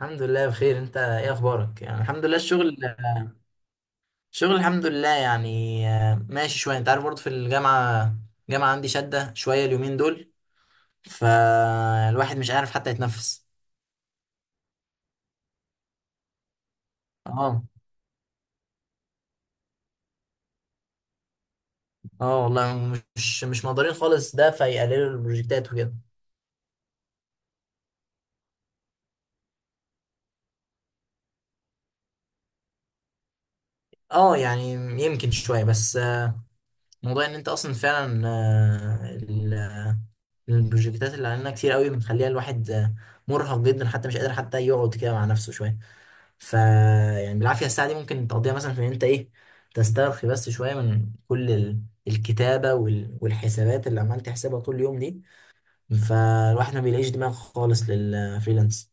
الحمد لله بخير، انت ايه اخبارك؟ يعني الحمد لله. الشغل الحمد لله يعني ماشي شويه. انت عارف برضه في الجامعه، عندي شده شويه اليومين دول، فالواحد مش عارف حتى يتنفس. اه. اه والله مش مقدرين خالص، ده فيقللوا البروجكتات وكده. اه يعني يمكن شويه بس. موضوع ان انت اصلا فعلا، البروجكتات اللي علينا كتير قوي، بتخليها الواحد مرهق جدا، حتى مش قادر حتى يقعد كده مع نفسه شويه. ف يعني بالعافيه الساعه دي ممكن تقضيها مثلا في ان انت ايه، تسترخي بس شويه من كل الكتابه والحسابات اللي عمال تحسبها طول اليوم دي. فالواحد ما بيلاقيش دماغ خالص للفريلانس.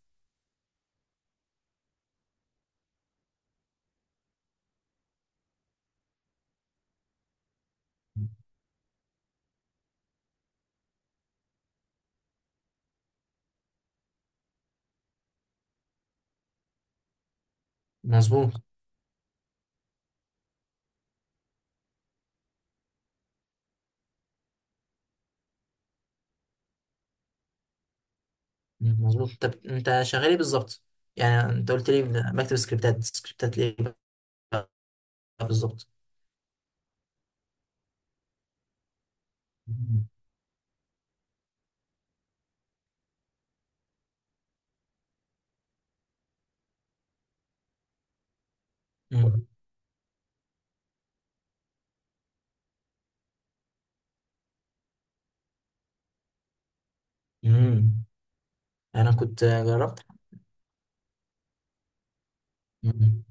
مظبوط. مظبوط، طب انت شغال ايه بالظبط؟ يعني انت قلت لي بكتب سكريبتات، سكريبتات ليه بقى؟ بالظبط. مم. مم. انا كنت جربت. مم.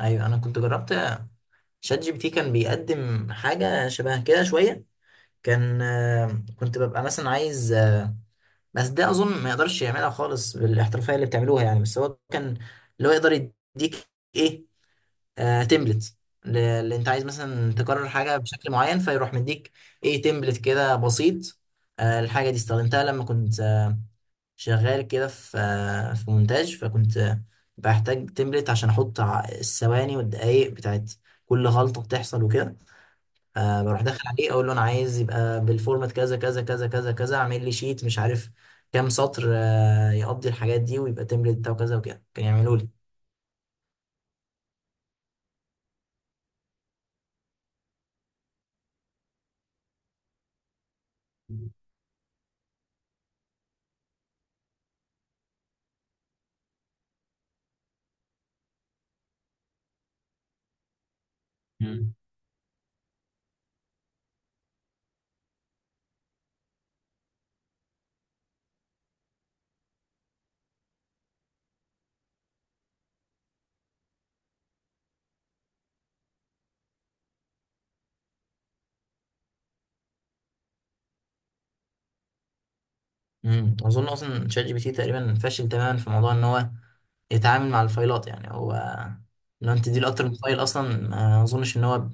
ايوه انا كنت جربت شات جي بي تي، كان بيقدم حاجه شبه كده شويه. كان كنت ببقى مثلا عايز بس ده اظن ما يقدرش يعملها خالص بالاحترافيه اللي بتعملوها يعني. بس هو كان اللي هو يقدر يديك ايه، آه، تمبلت. اللي انت عايز مثلا تكرر حاجه بشكل معين، فيروح مديك ايه، تمبلت كده بسيط. آه الحاجه دي استخدمتها لما كنت شغال كده في آه في مونتاج، فكنت بحتاج تمبلت عشان احط الثواني والدقايق بتاعت كل غلطه بتحصل وكده. آه بروح داخل عليه اقول له انا عايز يبقى بالفورمات كذا كذا كذا كذا كذا، اعمل لي شيت مش عارف كام سطر آه يقضي الحاجات دي، ويبقى تمبلت بتاعه كذا وكده، كان يعملوا لي. مم. اظن اصلا شات جي بي تي تقريبا فاشل تماما في موضوع ان هو يتعامل مع الفايلات، يعني هو لو انت تديله اكتر من فايل اصلا، ما اظنش ان هو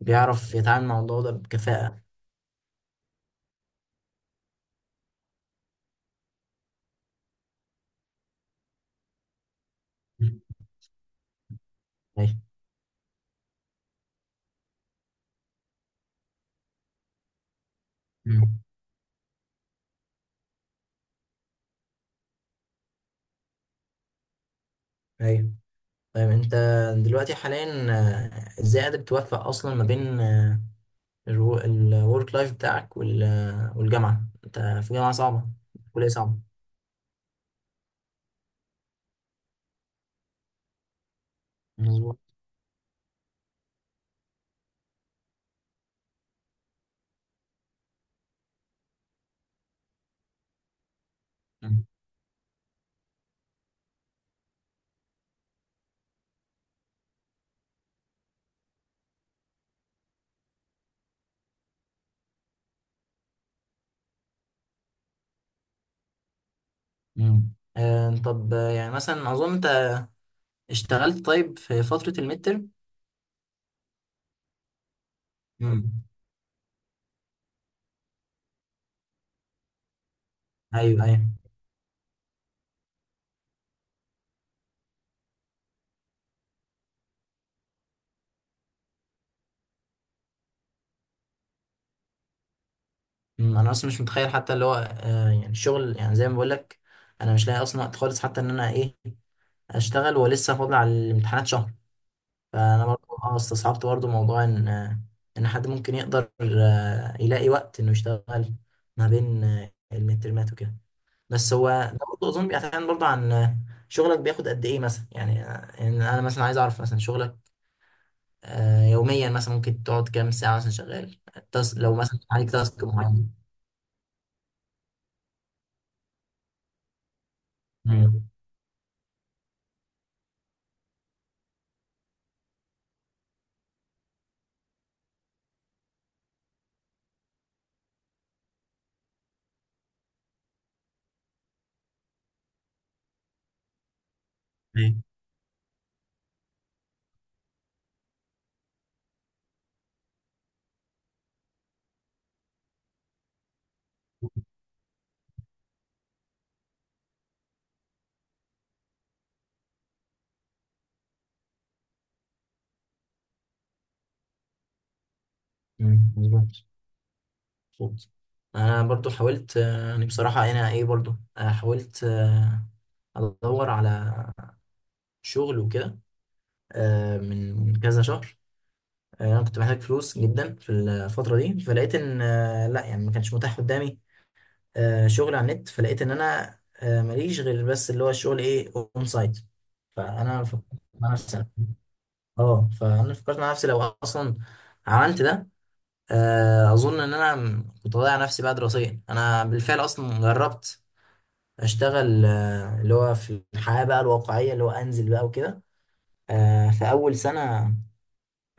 بيعرف يتعامل مع الموضوع ده بكفاءة. مم. أيوة. مم. ايوه. طيب انت دلوقتي حاليا ازاي قادر توفق اصلا ما بين الورك لايف بتاعك والجامعة؟ انت في جامعة صعبة، كلية صعبة. مظبوط. مم. مم. طب يعني مثلا اظن انت اشتغلت طيب في فترة الميد ترم. مم. ايوه ايوه. انا اصلا مش متخيل حتى اللي هو آه، يعني الشغل، يعني زي ما بقول لك انا مش لاقي اصلا وقت خالص حتى ان انا ايه اشتغل، ولسه فاضل على الامتحانات شهر. فانا برضه اه استصعبت برضه موضوع ان ان حد ممكن يقدر يلاقي وقت انه يشتغل ما بين المترمات وكده. بس هو ده برضه اظن بيعتمد برضه عن شغلك بياخد قد ايه مثلا، يعني يعني انا مثلا عايز اعرف مثلا شغلك يوميا مثلا ممكن تقعد كام ساعه مثلا شغال؟ لو مثلا عليك تاسك معين. مم. ايه. مم. مظبوط. مظبوط. انا برضو حاولت يعني بصراحه انا ايه برضو حاولت ادور على شغل وكده من كذا شهر. انا كنت محتاج فلوس جدا في الفتره دي، فلقيت ان لا يعني ما كانش متاح قدامي شغل على النت، فلقيت ان انا ماليش غير بس اللي هو الشغل ايه، اون سايت. فانا فكرت مع نفسي، اه فانا فكرت مع نفسي لو اصلا عملت ده، اظن ان انا كنت هضيع نفسي بقى دراسيا. انا بالفعل اصلا جربت اشتغل، اللي هو في الحياه بقى الواقعيه، اللي هو انزل بقى وكده، في اول سنه،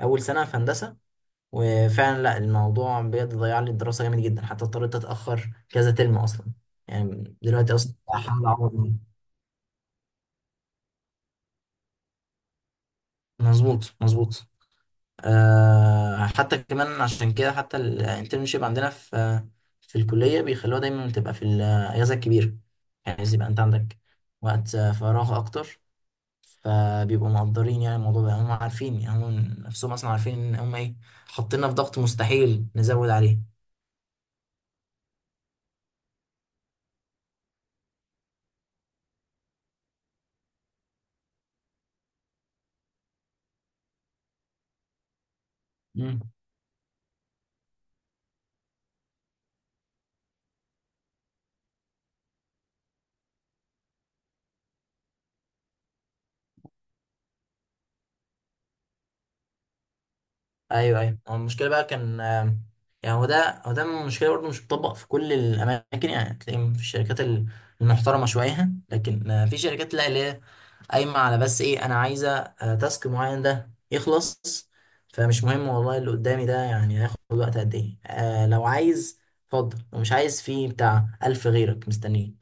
في هندسه. وفعلا لا الموضوع بجد ضيع لي الدراسة جامد جدا، حتى اضطريت اتأخر كذا ترم اصلا. يعني دلوقتي اصلا بحاول اعوض. مظبوط مظبوط. أه حتى كمان عشان كده حتى الانترنشيب عندنا في الكلية بيخلوها دايما تبقى في الأجازة الكبيرة، يعني عايز يبقى انت عندك وقت فراغ اكتر. فبيبقوا مقدرين يعني الموضوع ده، هم عارفين، يعني هم نفسهم اصلا عارفين ان هم ايه، حاطيننا في ضغط مستحيل نزود عليه. مم. ايوه ايوه. هو المشكله بقى كان يعني هو ده المشكله برضه، مش بتطبق في كل الاماكن. يعني تلاقي في الشركات المحترمه شويه، لكن في شركات لا، اللي هي قايمه على بس ايه، انا عايزه تاسك معين ده يخلص، فمش مهم والله اللي قدامي ده يعني هياخد وقت قد ايه. آه لو عايز اتفضل، ومش عايز في بتاع ألف غيرك مستنيين.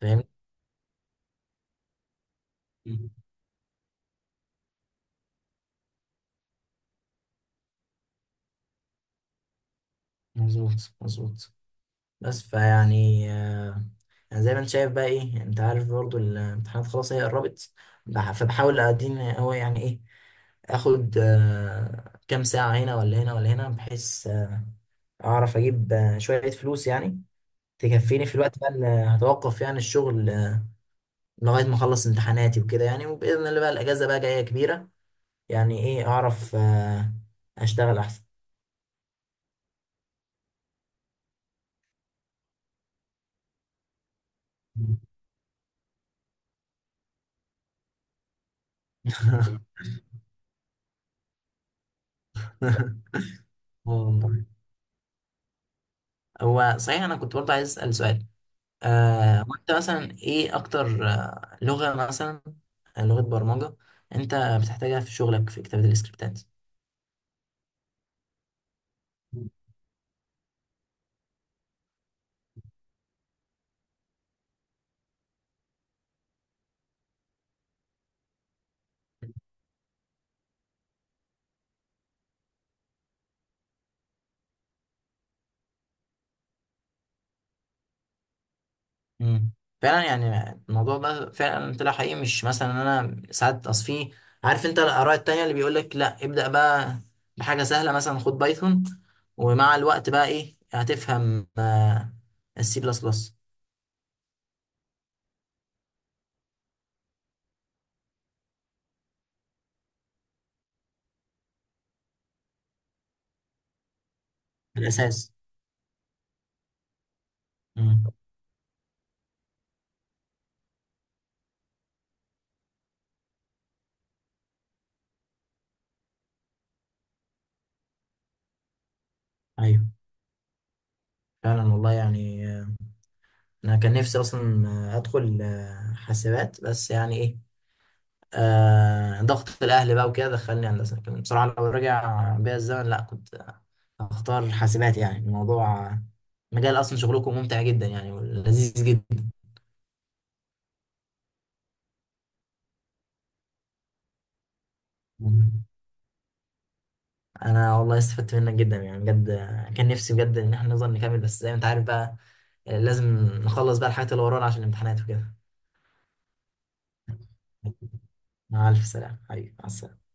فاهم. مظبوط مظبوط. بس فيعني آه، يعني زي ما انت شايف بقى ايه، يعني انت عارف برضو الامتحانات خلاص هي قربت، فبحاول ادين هو يعني ايه، اخد كام ساعة هنا ولا هنا ولا هنا، بحيث اعرف اجيب شوية فلوس يعني، تكفيني في الوقت بقى اللي هتوقف يعني الشغل لغاية ما اخلص امتحاناتي وكده يعني. وبإذن الله بقى الاجازة بقى جاية كبيرة، يعني ايه اعرف اشتغل احسن. اه والله. هو صحيح انا كنت برضه عايز اسال سؤال، وانت مثلا ايه اكتر لغة مثلا لغة برمجة انت بتحتاجها في شغلك في كتابة السكريبتات؟ مم. فعلا يعني الموضوع ده فعلا طلع حقيقي. مش مثلا انا ساعات اصفيه، عارف انت الاراء التانية اللي بيقول لك لا ابدأ بقى بحاجة سهلة مثلا، خد بايثون، ومع الوقت بقى ايه هتفهم آه السي بلس بلس. الاساس. مم. ايوه فعلا والله. يعني انا كان نفسي اصلا ادخل حاسبات، بس يعني ايه، آه ضغط الاهل بقى وكده دخلني هندسه، لكن بصراحه لو رجع بيا الزمن لا كنت اختار حاسبات. يعني الموضوع مجال اصلا شغلكم ممتع جدا يعني ولذيذ جدا. انا والله استفدت منك جدا يعني بجد، كان نفسي بجد ان احنا نفضل نكمل، بس زي ما انت عارف بقى لازم نخلص بقى الحاجات اللي ورانا عشان الامتحانات وكده. مع الف سلامه حبيبي، مع السلامه.